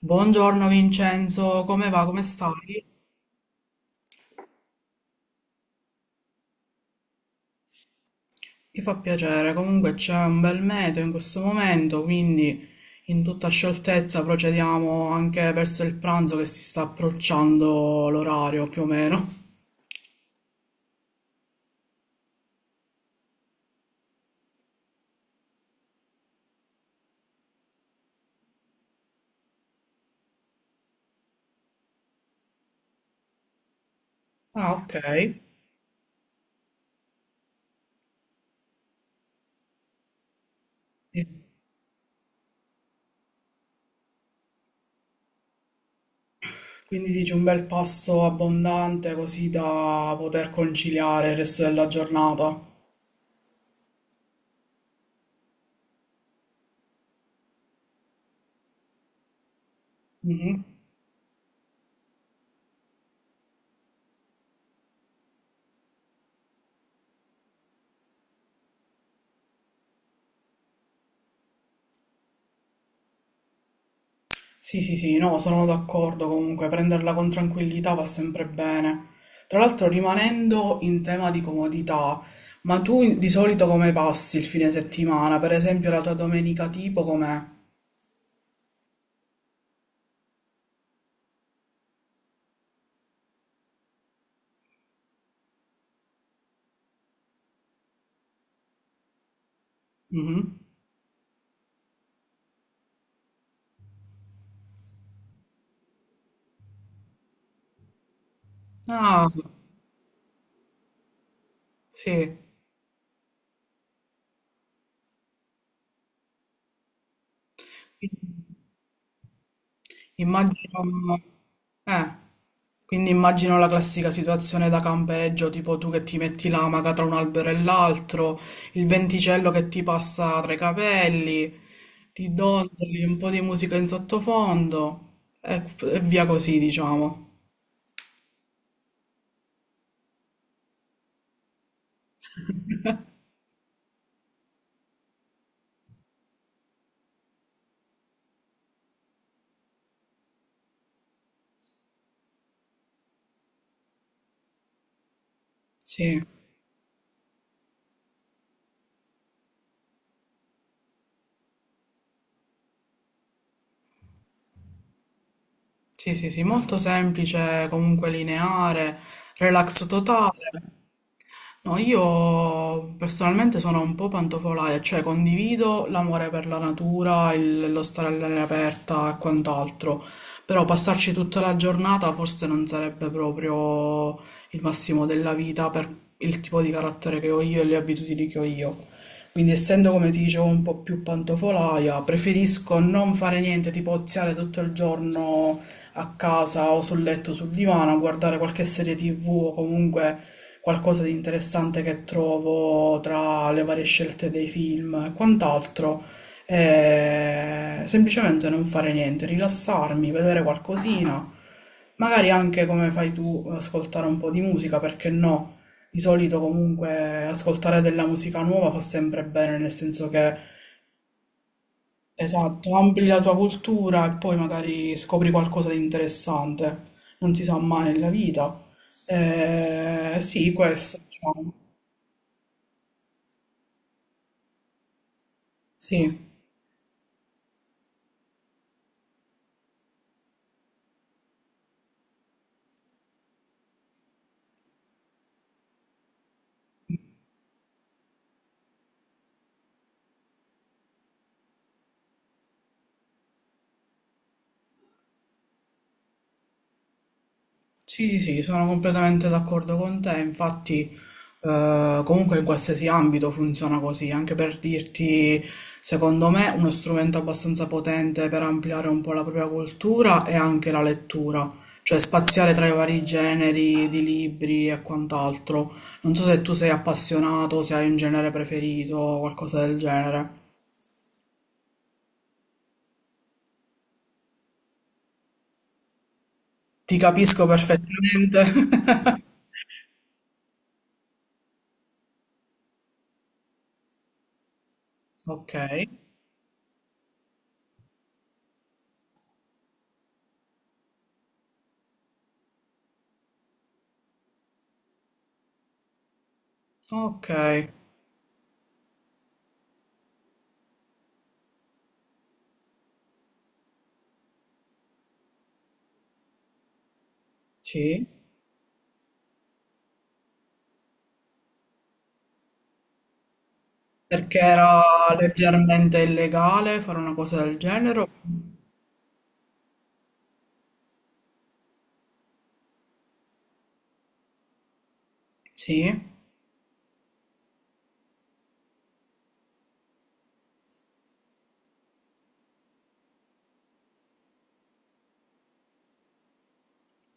Buongiorno Vincenzo, come va? Come stai? Mi fa piacere, comunque c'è un bel meteo in questo momento, quindi in tutta scioltezza procediamo anche verso il pranzo che si sta approcciando l'orario più o meno. Ah, ok. Sì. Quindi dici un bel pasto abbondante così da poter conciliare il resto della giornata. Mhm. Sì, sì, sì, no, sono d'accordo comunque, prenderla con tranquillità va sempre bene. Tra l'altro, rimanendo in tema di comodità, ma tu di solito come passi il fine settimana? Per esempio, la tua domenica tipo com'è? Mhm. Ah, sì. Immagino, eh, quindi immagino la classica situazione da campeggio, tipo tu che ti metti l'amaca tra un albero e l'altro, il venticello che ti passa tra i capelli, ti dondoli un po' di musica in sottofondo e, via così, diciamo. Sì, sì, sì, sì, molto semplice, comunque lineare, relax totale. No, io personalmente sono un po' pantofolaia, cioè condivido l'amore per la natura, lo stare all'aria aperta e quant'altro, però passarci tutta la giornata forse non sarebbe proprio il massimo della vita per il tipo di carattere che ho io e le abitudini che ho io. Quindi essendo, come ti dicevo, un po' più pantofolaia, preferisco non fare niente, tipo oziare tutto il giorno a casa o sul letto, sul divano, a guardare qualche serie TV o comunque qualcosa di interessante che trovo tra le varie scelte dei film e quant'altro. E semplicemente non fare niente, rilassarmi, vedere qualcosina, magari anche come fai tu, ascoltare un po' di musica, perché no? Di solito comunque ascoltare della musica nuova fa sempre bene, nel senso che esatto, ampli la tua cultura e poi magari scopri qualcosa di interessante, non si sa mai nella vita. Sì, questo, diciamo. Sì. Sì, sì, sì, sono completamente d'accordo con te, infatti comunque in qualsiasi ambito funziona così, anche per dirti, secondo me, uno strumento abbastanza potente per ampliare un po' la propria cultura è anche la lettura, cioè spaziare tra i vari generi di libri e quant'altro. Non so se tu sei appassionato, se hai un genere preferito o qualcosa del genere. Ti capisco perfettamente. Ok, ok, sì. Perché era leggermente illegale fare una cosa del genere? Sì.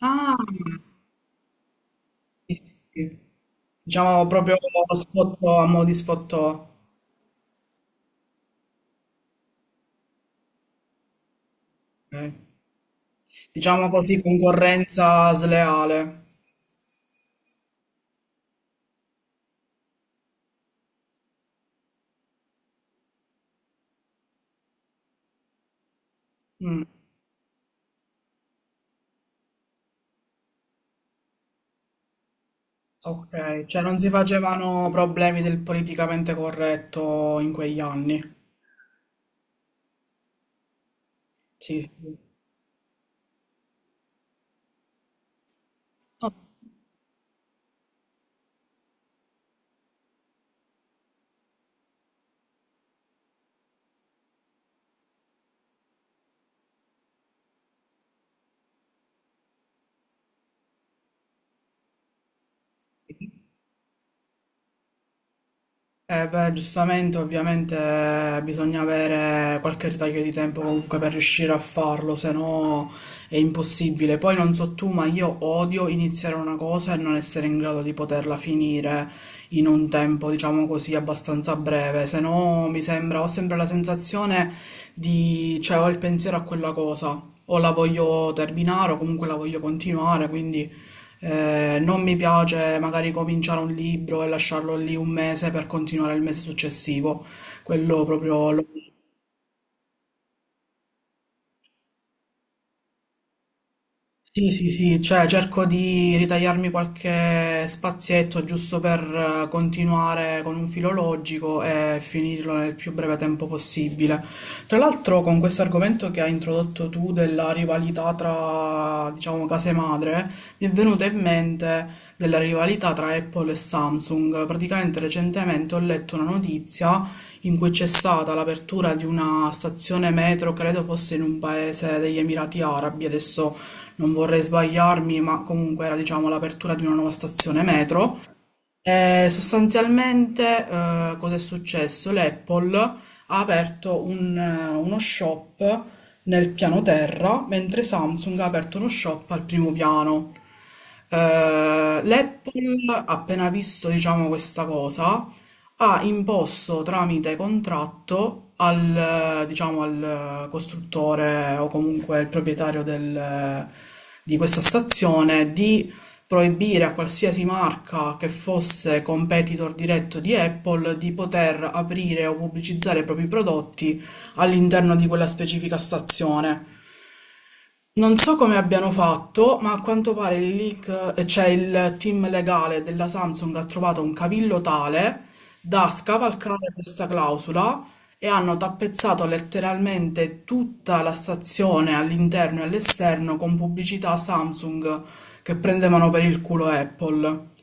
Ah, sì, sì. Diciamo proprio sfottò, a mo' di sfottò. Ok. Diciamo così, concorrenza sleale. Mm, ok, cioè non si facevano problemi del politicamente corretto in quegli anni. Sì, sì. Ok. Beh, giustamente, ovviamente bisogna avere qualche ritaglio di tempo comunque per riuscire a farlo, se no è impossibile. Poi non so tu, ma io odio iniziare una cosa e non essere in grado di poterla finire in un tempo, diciamo così, abbastanza breve, se no mi sembra, ho sempre la sensazione di, cioè ho il pensiero a quella cosa, o la voglio terminare o comunque la voglio continuare, quindi non mi piace magari cominciare un libro e lasciarlo lì un mese per continuare il mese successivo, quello proprio lo sì, sì, sì, cioè cerco di ritagliarmi qualche spazietto giusto per continuare con un filo logico e finirlo nel più breve tempo possibile. Tra l'altro, con questo argomento che hai introdotto tu della rivalità tra, diciamo, case madre, mi è venuta in mente della rivalità tra Apple e Samsung. Praticamente recentemente ho letto una notizia in cui c'è stata l'apertura di una stazione metro, credo fosse in un paese degli Emirati Arabi, adesso non vorrei sbagliarmi, ma comunque era diciamo l'apertura di una nuova stazione metro sostanzialmente, cosa è successo? L'Apple ha aperto uno shop nel piano terra, mentre Samsung ha aperto uno shop al primo piano. Eh, L'Apple, appena visto, diciamo, questa cosa, ha imposto tramite contratto diciamo, al costruttore o comunque al proprietario di questa stazione di proibire a qualsiasi marca che fosse competitor diretto di Apple di poter aprire o pubblicizzare i propri prodotti all'interno di quella specifica stazione. Non so come abbiano fatto, ma a quanto pare il leak, cioè il team legale della Samsung ha trovato un cavillo tale da scavalcare questa clausola e hanno tappezzato letteralmente tutta la stazione all'interno e all'esterno con pubblicità Samsung che prendevano per il culo Apple.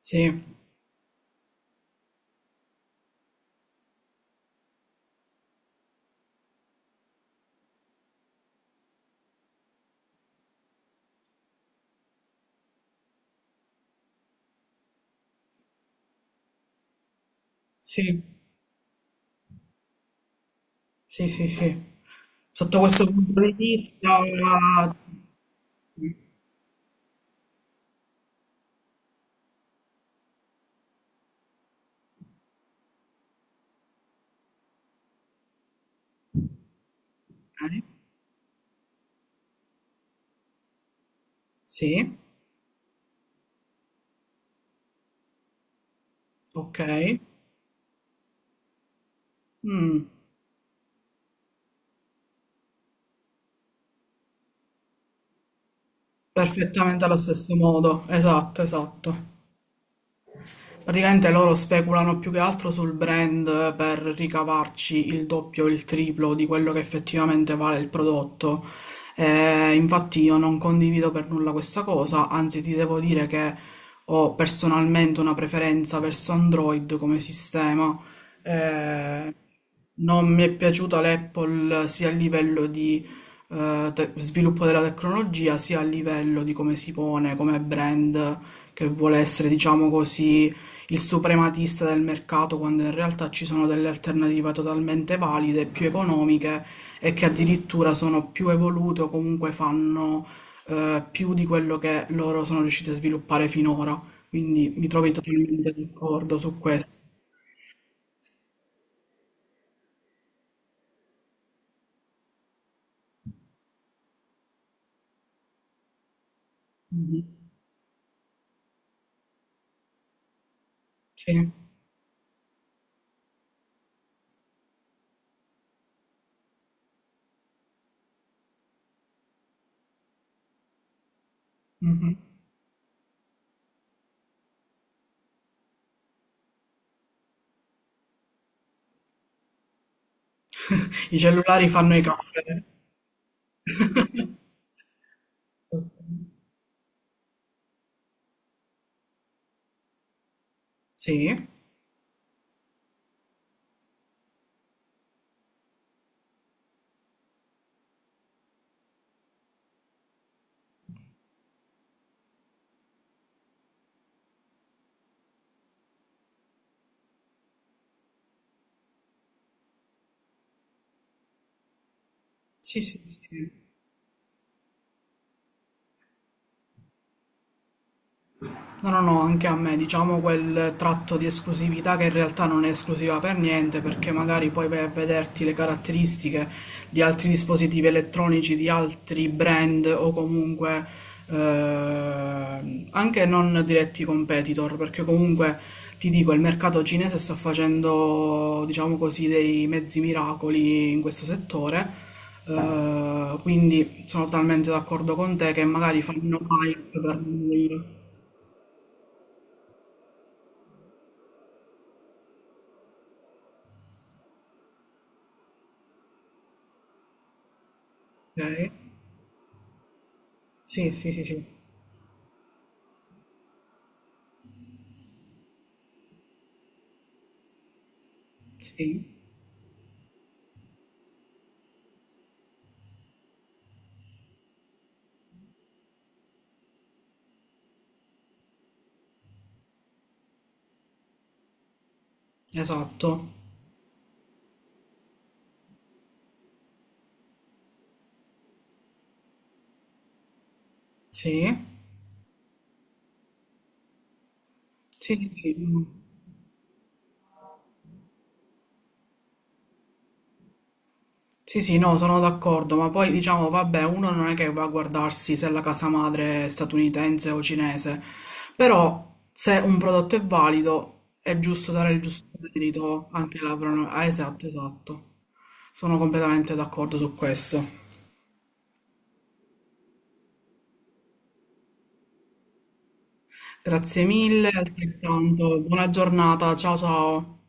Sì, sì, sì, sì, sì. Sotto questo punto di vista... Ok, sì, ok. Mm. Perfettamente allo stesso modo, esatto, esatto. Praticamente loro speculano più che altro sul brand per ricavarci il doppio o il triplo di quello che effettivamente vale il prodotto. Infatti io non condivido per nulla questa cosa, anzi ti devo dire che ho personalmente una preferenza verso Android come sistema. Eh, non mi è piaciuta l'Apple sia a livello di sviluppo della tecnologia, sia a livello di come si pone come brand che vuole essere, diciamo così, il suprematista del mercato quando in realtà ci sono delle alternative totalmente valide, più economiche e che addirittura sono più evolute o comunque fanno più di quello che loro sono riusciti a sviluppare finora. Quindi mi trovi totalmente d'accordo su questo. Mhm. Sì. Mhm. I cellulari fanno i caffè. Sì, sì, sì, sì. No, no, no, anche a me, diciamo quel tratto di esclusività che in realtà non è esclusiva per niente, perché magari poi vai a vederti le caratteristiche di altri dispositivi elettronici, di altri brand o comunque anche non diretti competitor, perché comunque ti dico, il mercato cinese sta facendo, diciamo così, dei mezzi miracoli in questo settore. Quindi sono totalmente d'accordo con te che magari fanno hype per... Ok. Sì, sì, sì, sì. Sì, esatto. Sì. Sì, sì, sì. Mm. Sì, sì, no, sono d'accordo, ma poi diciamo, vabbè, uno non è che va a guardarsi se la casa madre è statunitense o cinese, però se un prodotto è valido è giusto dare il giusto merito anche alla Ah, esatto, esatto. Sono completamente d'accordo su questo. Grazie mille, altrettanto, buona giornata, ciao ciao.